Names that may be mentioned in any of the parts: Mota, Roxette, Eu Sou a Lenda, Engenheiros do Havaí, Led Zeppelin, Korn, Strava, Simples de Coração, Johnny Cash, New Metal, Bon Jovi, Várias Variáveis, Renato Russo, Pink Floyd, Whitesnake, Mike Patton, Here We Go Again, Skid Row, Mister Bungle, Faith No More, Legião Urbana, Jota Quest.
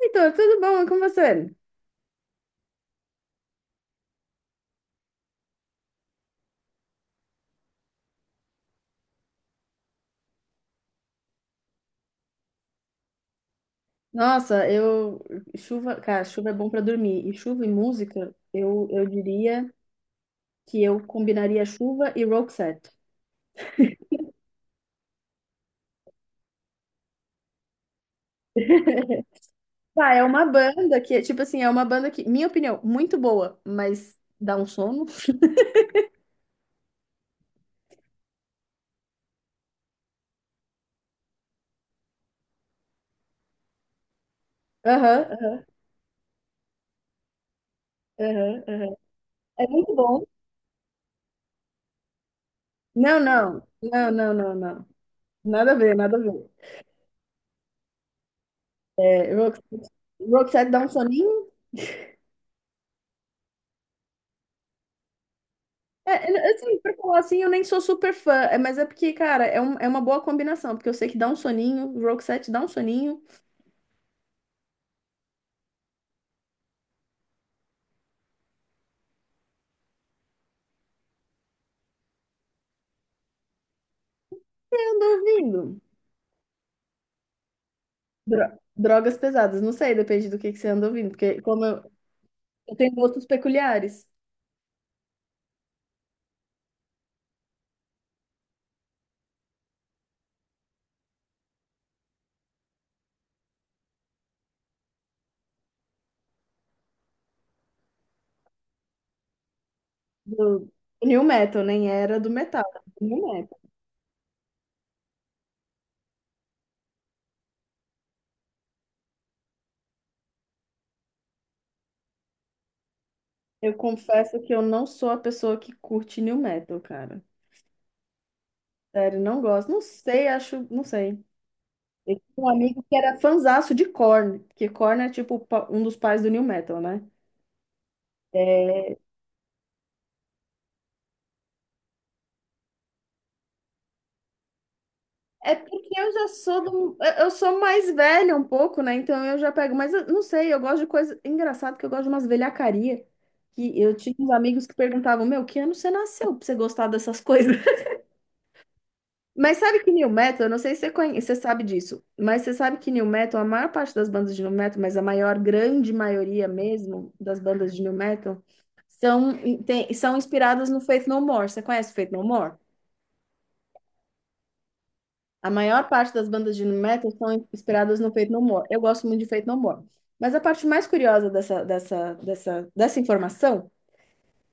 Heitor, tudo bom? E com você? Nossa, eu. Chuva, cara, chuva é bom pra dormir. E chuva e música, eu diria que eu combinaria chuva e Roxette. Tá, é uma banda que, é, tipo assim, é uma banda que, minha opinião, muito boa, mas dá um sono. Aham, aham, aham, aham. É muito bom. Não, não, não, não, não, não. Nada a ver, nada a ver. É, Roxette, Roxette dá um soninho. Assim, pra falar assim, eu nem sou super fã, é, mas é porque, cara, é, é uma boa combinação, porque eu sei que dá um soninho, o Roxette dá um soninho. O que eu ando ouvindo? Drogas pesadas, não sei, depende do que você anda ouvindo, porque como eu tenho gostos peculiares do New Metal, nem era do metal, era do New Metal. Eu confesso que eu não sou a pessoa que curte New Metal, cara. Sério, não gosto. Não sei, acho, não sei. Eu tinha um amigo que era fanzaço de Korn, porque Korn é tipo um dos pais do New Metal, né? É, é porque eu sou mais velha um pouco, né? Então eu já pego, mas eu não sei, eu gosto de coisa engraçado que eu gosto de umas velhacaria, que eu tinha uns amigos que perguntavam, meu, que ano você nasceu pra você gostar dessas coisas? Mas sabe que New Metal, eu não sei se você conhece, você sabe disso, mas você sabe que New Metal, a maior parte das bandas de New Metal, mas a maior, grande maioria mesmo das bandas de New Metal são são inspiradas no Faith No More. Você conhece o Faith No More? A maior parte das bandas de metal são inspiradas no Faith No More. Eu gosto muito de Faith No More. Mas a parte mais curiosa dessa informação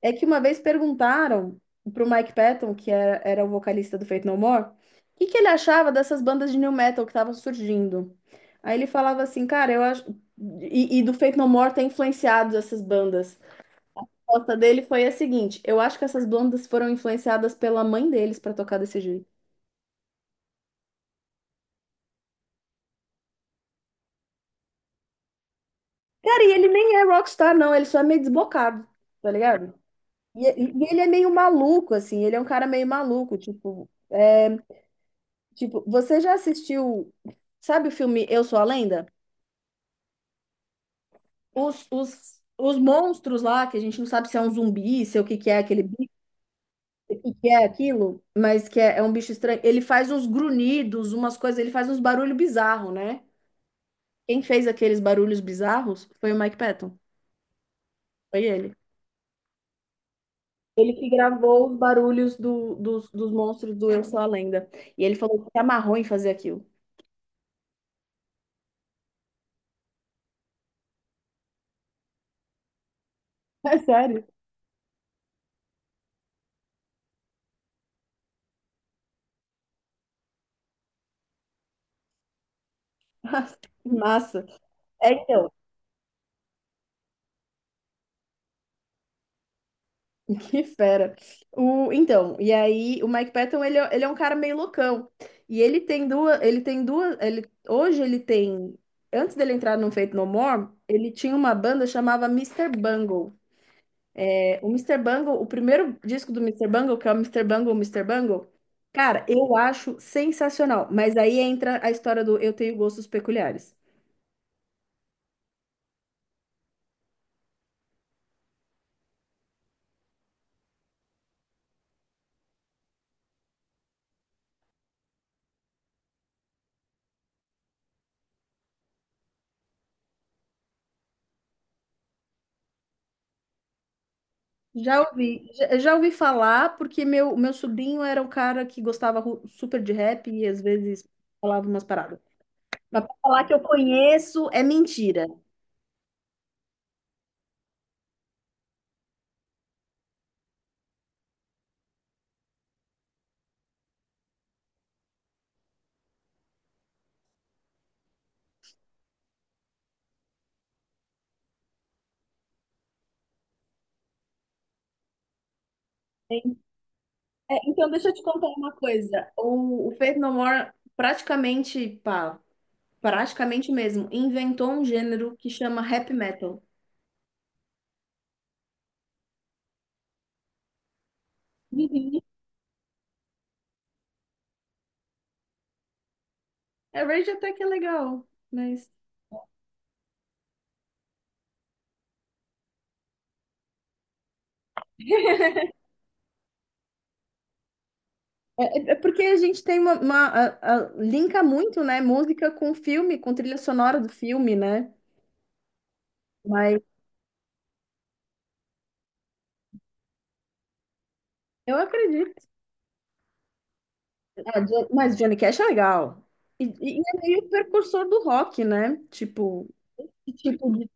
é que uma vez perguntaram para o Mike Patton, que era o vocalista do Faith No More, o que, que ele achava dessas bandas de new metal que estavam surgindo. Aí ele falava assim, cara, eu acho. E, do Faith No More ter influenciado essas bandas. A resposta dele foi a seguinte: eu acho que essas bandas foram influenciadas pela mãe deles para tocar desse jeito. Cara, e ele nem é rockstar, não, ele só é meio desbocado, tá ligado? E, ele é meio maluco, assim, ele é um cara meio maluco, tipo, é, tipo, você já assistiu, sabe o filme Eu Sou a Lenda? Os monstros lá, que a gente não sabe se é um zumbi, se é o que que é aquele bicho, o que que é aquilo, mas que é, é um bicho estranho, ele faz uns grunhidos, umas coisas, ele faz uns barulhos bizarros, né? Quem fez aqueles barulhos bizarros foi o Mike Patton, foi ele. Ele que gravou os barulhos dos monstros do Eu Sou a Lenda. E ele falou que se amarrou em fazer aquilo. É sério? Massa. É, então, que fera. Então, e aí o Mike Patton, ele é um cara meio loucão. E ele tem duas, ele tem duas, ele, antes dele entrar no Faith No More, ele tinha uma banda chamava Mister Bungle. O Mister Bungle, o primeiro disco do Mister Bungle, que é o Mister Bungle, Mister Bungle, cara, eu acho sensacional. Mas aí entra a história do eu tenho gostos peculiares. Já ouvi, já, já ouvi falar, porque meu sobrinho era um cara que gostava super de rap e às vezes falava umas paradas. Mas pra falar que eu conheço é mentira. É, então, deixa eu te contar uma coisa. O Faith No More praticamente, pá, praticamente mesmo, inventou um gênero que chama rap metal. É Rage até que é legal, mas. É, é porque a gente tem uma, linka muito, né? Música com filme, com trilha sonora do filme, né? Mas eu acredito. Ah, mas Johnny Cash é legal. E é meio precursor do rock, né? Tipo, esse tipo de,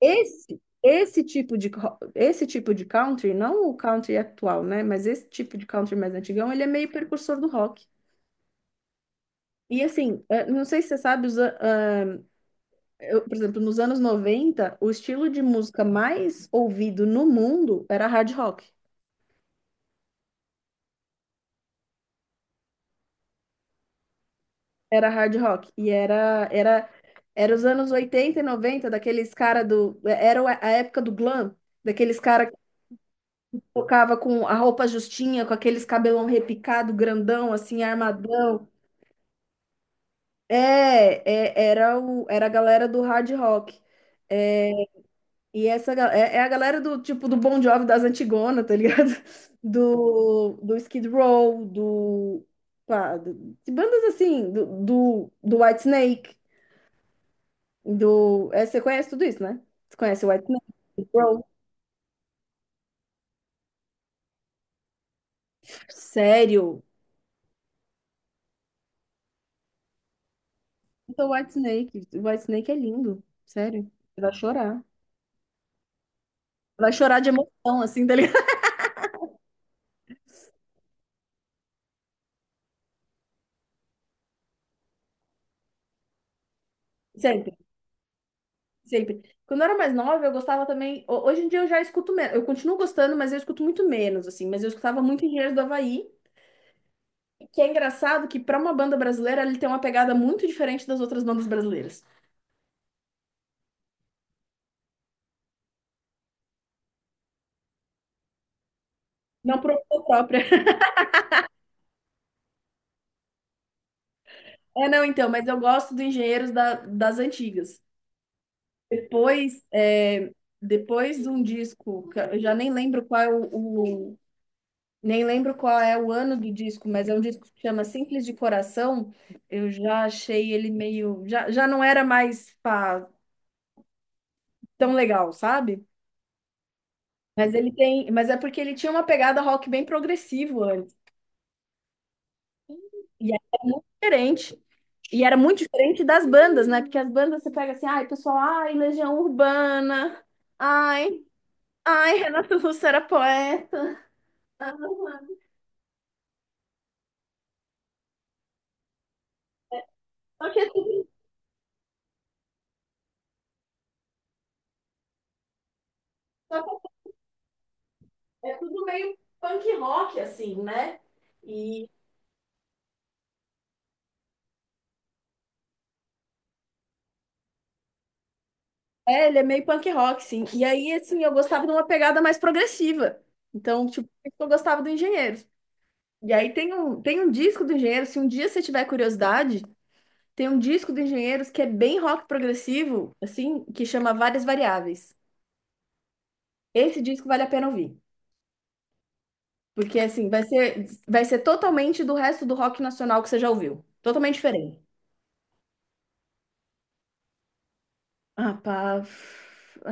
esse tipo de, esse tipo de country, não o country atual, né? Mas esse tipo de country mais antigão, ele é meio precursor do rock. E assim, eh, não sei se você sabe, eu, por exemplo, nos anos 90, o estilo de música mais ouvido no mundo era hard rock. Era hard rock. E era, era, era os anos 80 e 90, daqueles cara do. Era a época do glam, daqueles cara que tocava com a roupa justinha, com aqueles cabelão repicado, grandão, assim, armadão. É, é, era, o, era a galera do hard rock. É, e essa é, é a galera do tipo do Bon Jovi das Antigona, tá ligado? Do, do Skid Row, do, pá, do- de bandas assim, do, do, do Whitesnake, do. É, você conhece tudo isso, né? Você conhece o Whitesnake? Skid Row? Sério? Então, Whitesnake. O Whitesnake é lindo. Sério. Você vai chorar. Vai chorar de emoção, assim, tá ligado? Sempre, sempre. Quando eu era mais nova, eu gostava também. Hoje em dia eu já escuto menos. Eu continuo gostando, mas eu escuto muito menos, assim. Mas eu escutava muito Engenheiros do Havaí. Que é engraçado que para uma banda brasileira ele tem uma pegada muito diferente das outras bandas brasileiras. Não por opção própria. É, não, então, mas eu gosto do Engenheiros das antigas. Depois, é, depois de um disco, que eu já nem lembro qual é nem lembro qual é o ano do disco, mas é um disco que chama Simples de Coração. Eu já achei ele meio, já, já não era mais pá, tão legal, sabe? Mas ele tem, mas é porque ele tinha uma pegada rock bem progressivo antes. E é diferente. E era muito diferente das bandas, né? Porque as bandas você pega assim, ai, pessoal, ai, Legião Urbana, ai, ai, Renato Russo era poeta. Ah, só que é tudo meio punk rock, assim, né? E é, ele é meio punk rock, sim. E aí, assim, eu gostava de uma pegada mais progressiva. Então, tipo, por isso que eu gostava do Engenheiros. E aí tem um disco do Engenheiros, se um dia você tiver curiosidade, tem um disco do Engenheiros que é bem rock progressivo, assim, que chama Várias Variáveis. Esse disco vale a pena ouvir. Porque, assim, vai ser totalmente do resto do rock nacional que você já ouviu. Totalmente diferente. Ah, pá.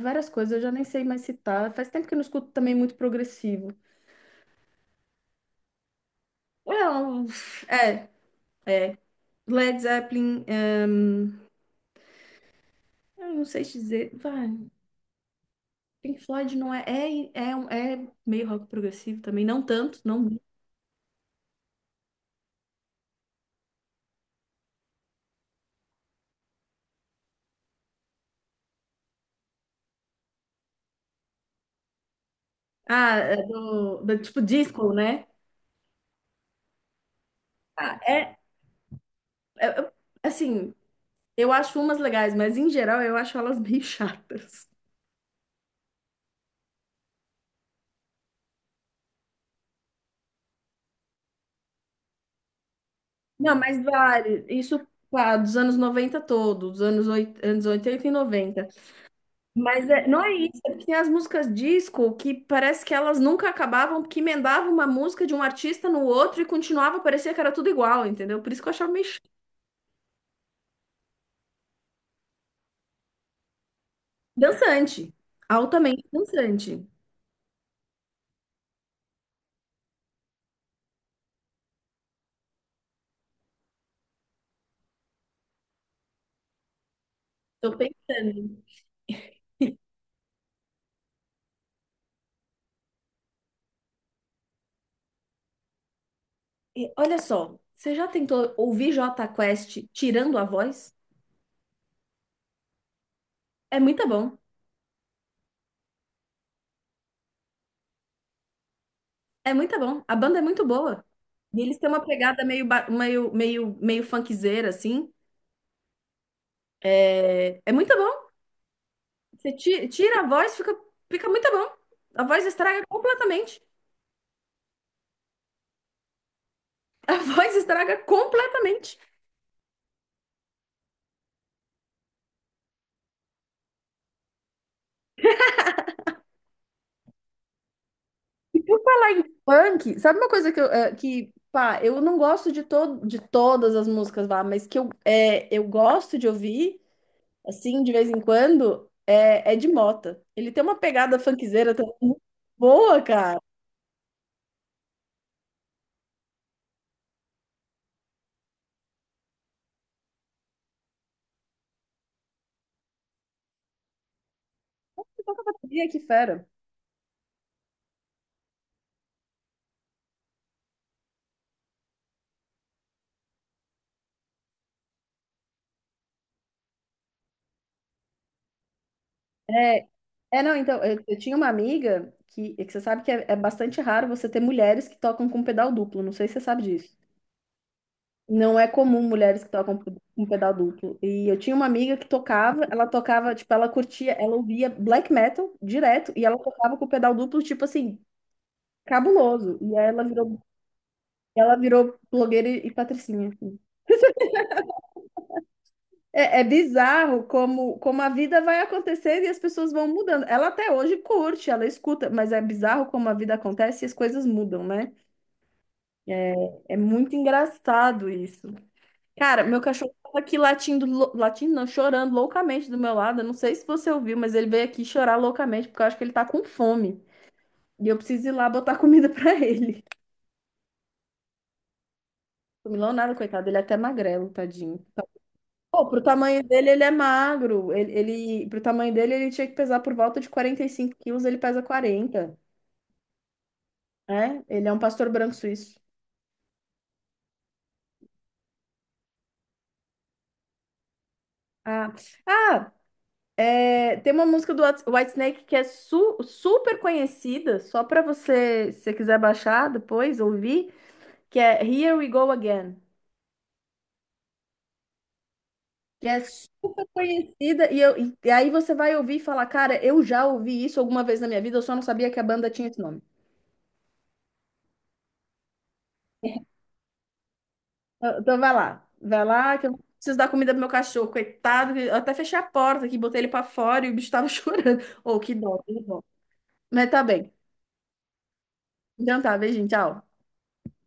Várias coisas, eu já nem sei mais citar. Faz tempo que eu não escuto também muito progressivo. Não, é, é. Led Zeppelin, é, eu não sei te dizer. Vai, Pink Floyd não é, é meio rock progressivo também, não tanto, não. Ah, é do, do tipo disco, né? Ah, é, é- é- assim, eu acho umas legais, mas em geral eu acho elas bem chatas. Não, mas vale. Isso, pá, dos anos 90 todos, dos anos, anos 80 e 90. Mas não é isso, é porque tem as músicas disco que parece que elas nunca acabavam, porque emendava uma música de um artista no outro e continuava, parecia que era tudo igual, entendeu? Por isso que eu achava meio chato. Dançante, altamente dançante. Tô pensando. E olha só, você já tentou ouvir Jota Quest tirando a voz? É muito bom. É muito bom. A banda é muito boa. E eles têm uma pegada meio, meio funkzeira, assim. É, é muito bom. Você tira a voz, fica, fica muito bom. A voz estraga completamente. A voz estraga completamente. E por falar em funk, sabe uma coisa que, eu, eh, que pá, eu não gosto de, to de todas as músicas lá, mas que eu, é, eu gosto de ouvir, assim, de vez em quando, é, é de Mota. Ele tem uma pegada funkzeira também muito boa, cara. Toca bateria, que fera. É, não, então, eu tinha uma amiga que, é que você sabe que é, é bastante raro você ter mulheres que tocam com pedal duplo, não sei se você sabe disso. Não é comum mulheres que tocam com pedal duplo. E eu tinha uma amiga que tocava, ela tocava, tipo, ela curtia, ela ouvia black metal direto e ela tocava com pedal duplo, tipo assim, cabuloso. E aí ela virou blogueira e patricinha. Assim. É, bizarro como, a vida vai acontecendo e as pessoas vão mudando. Ela até hoje curte, ela escuta, mas é bizarro como a vida acontece e as coisas mudam, né? É, é muito engraçado isso. Cara, meu cachorro tava aqui latindo, latindo não, chorando loucamente do meu lado. Eu não sei se você ouviu, mas ele veio aqui chorar loucamente, porque eu acho que ele tá com fome. E eu preciso ir lá botar comida pra ele. Comilão nada, coitado, ele é até magrelo, tadinho. Pô, pro tamanho dele, ele é magro. Ele, pro tamanho dele, ele tinha que pesar por volta de 45 quilos, ele pesa 40. É, ele é um pastor branco suíço. Ah, ah, é, tem uma música do Whitesnake que é super conhecida, só pra você, se você quiser baixar depois, ouvir, que é Here We Go Again. Que é super conhecida, e, e aí você vai ouvir e falar, cara, eu já ouvi isso alguma vez na minha vida, eu só não sabia que a banda tinha esse nome. Então vai lá. Vai lá, que eu preciso dar comida pro meu cachorro, coitado. Que Eu até fechei a porta aqui, botei ele pra fora e o bicho tava chorando. Ô, que dó, que dó. Mas tá bem. Então tá, beijinho, tchau.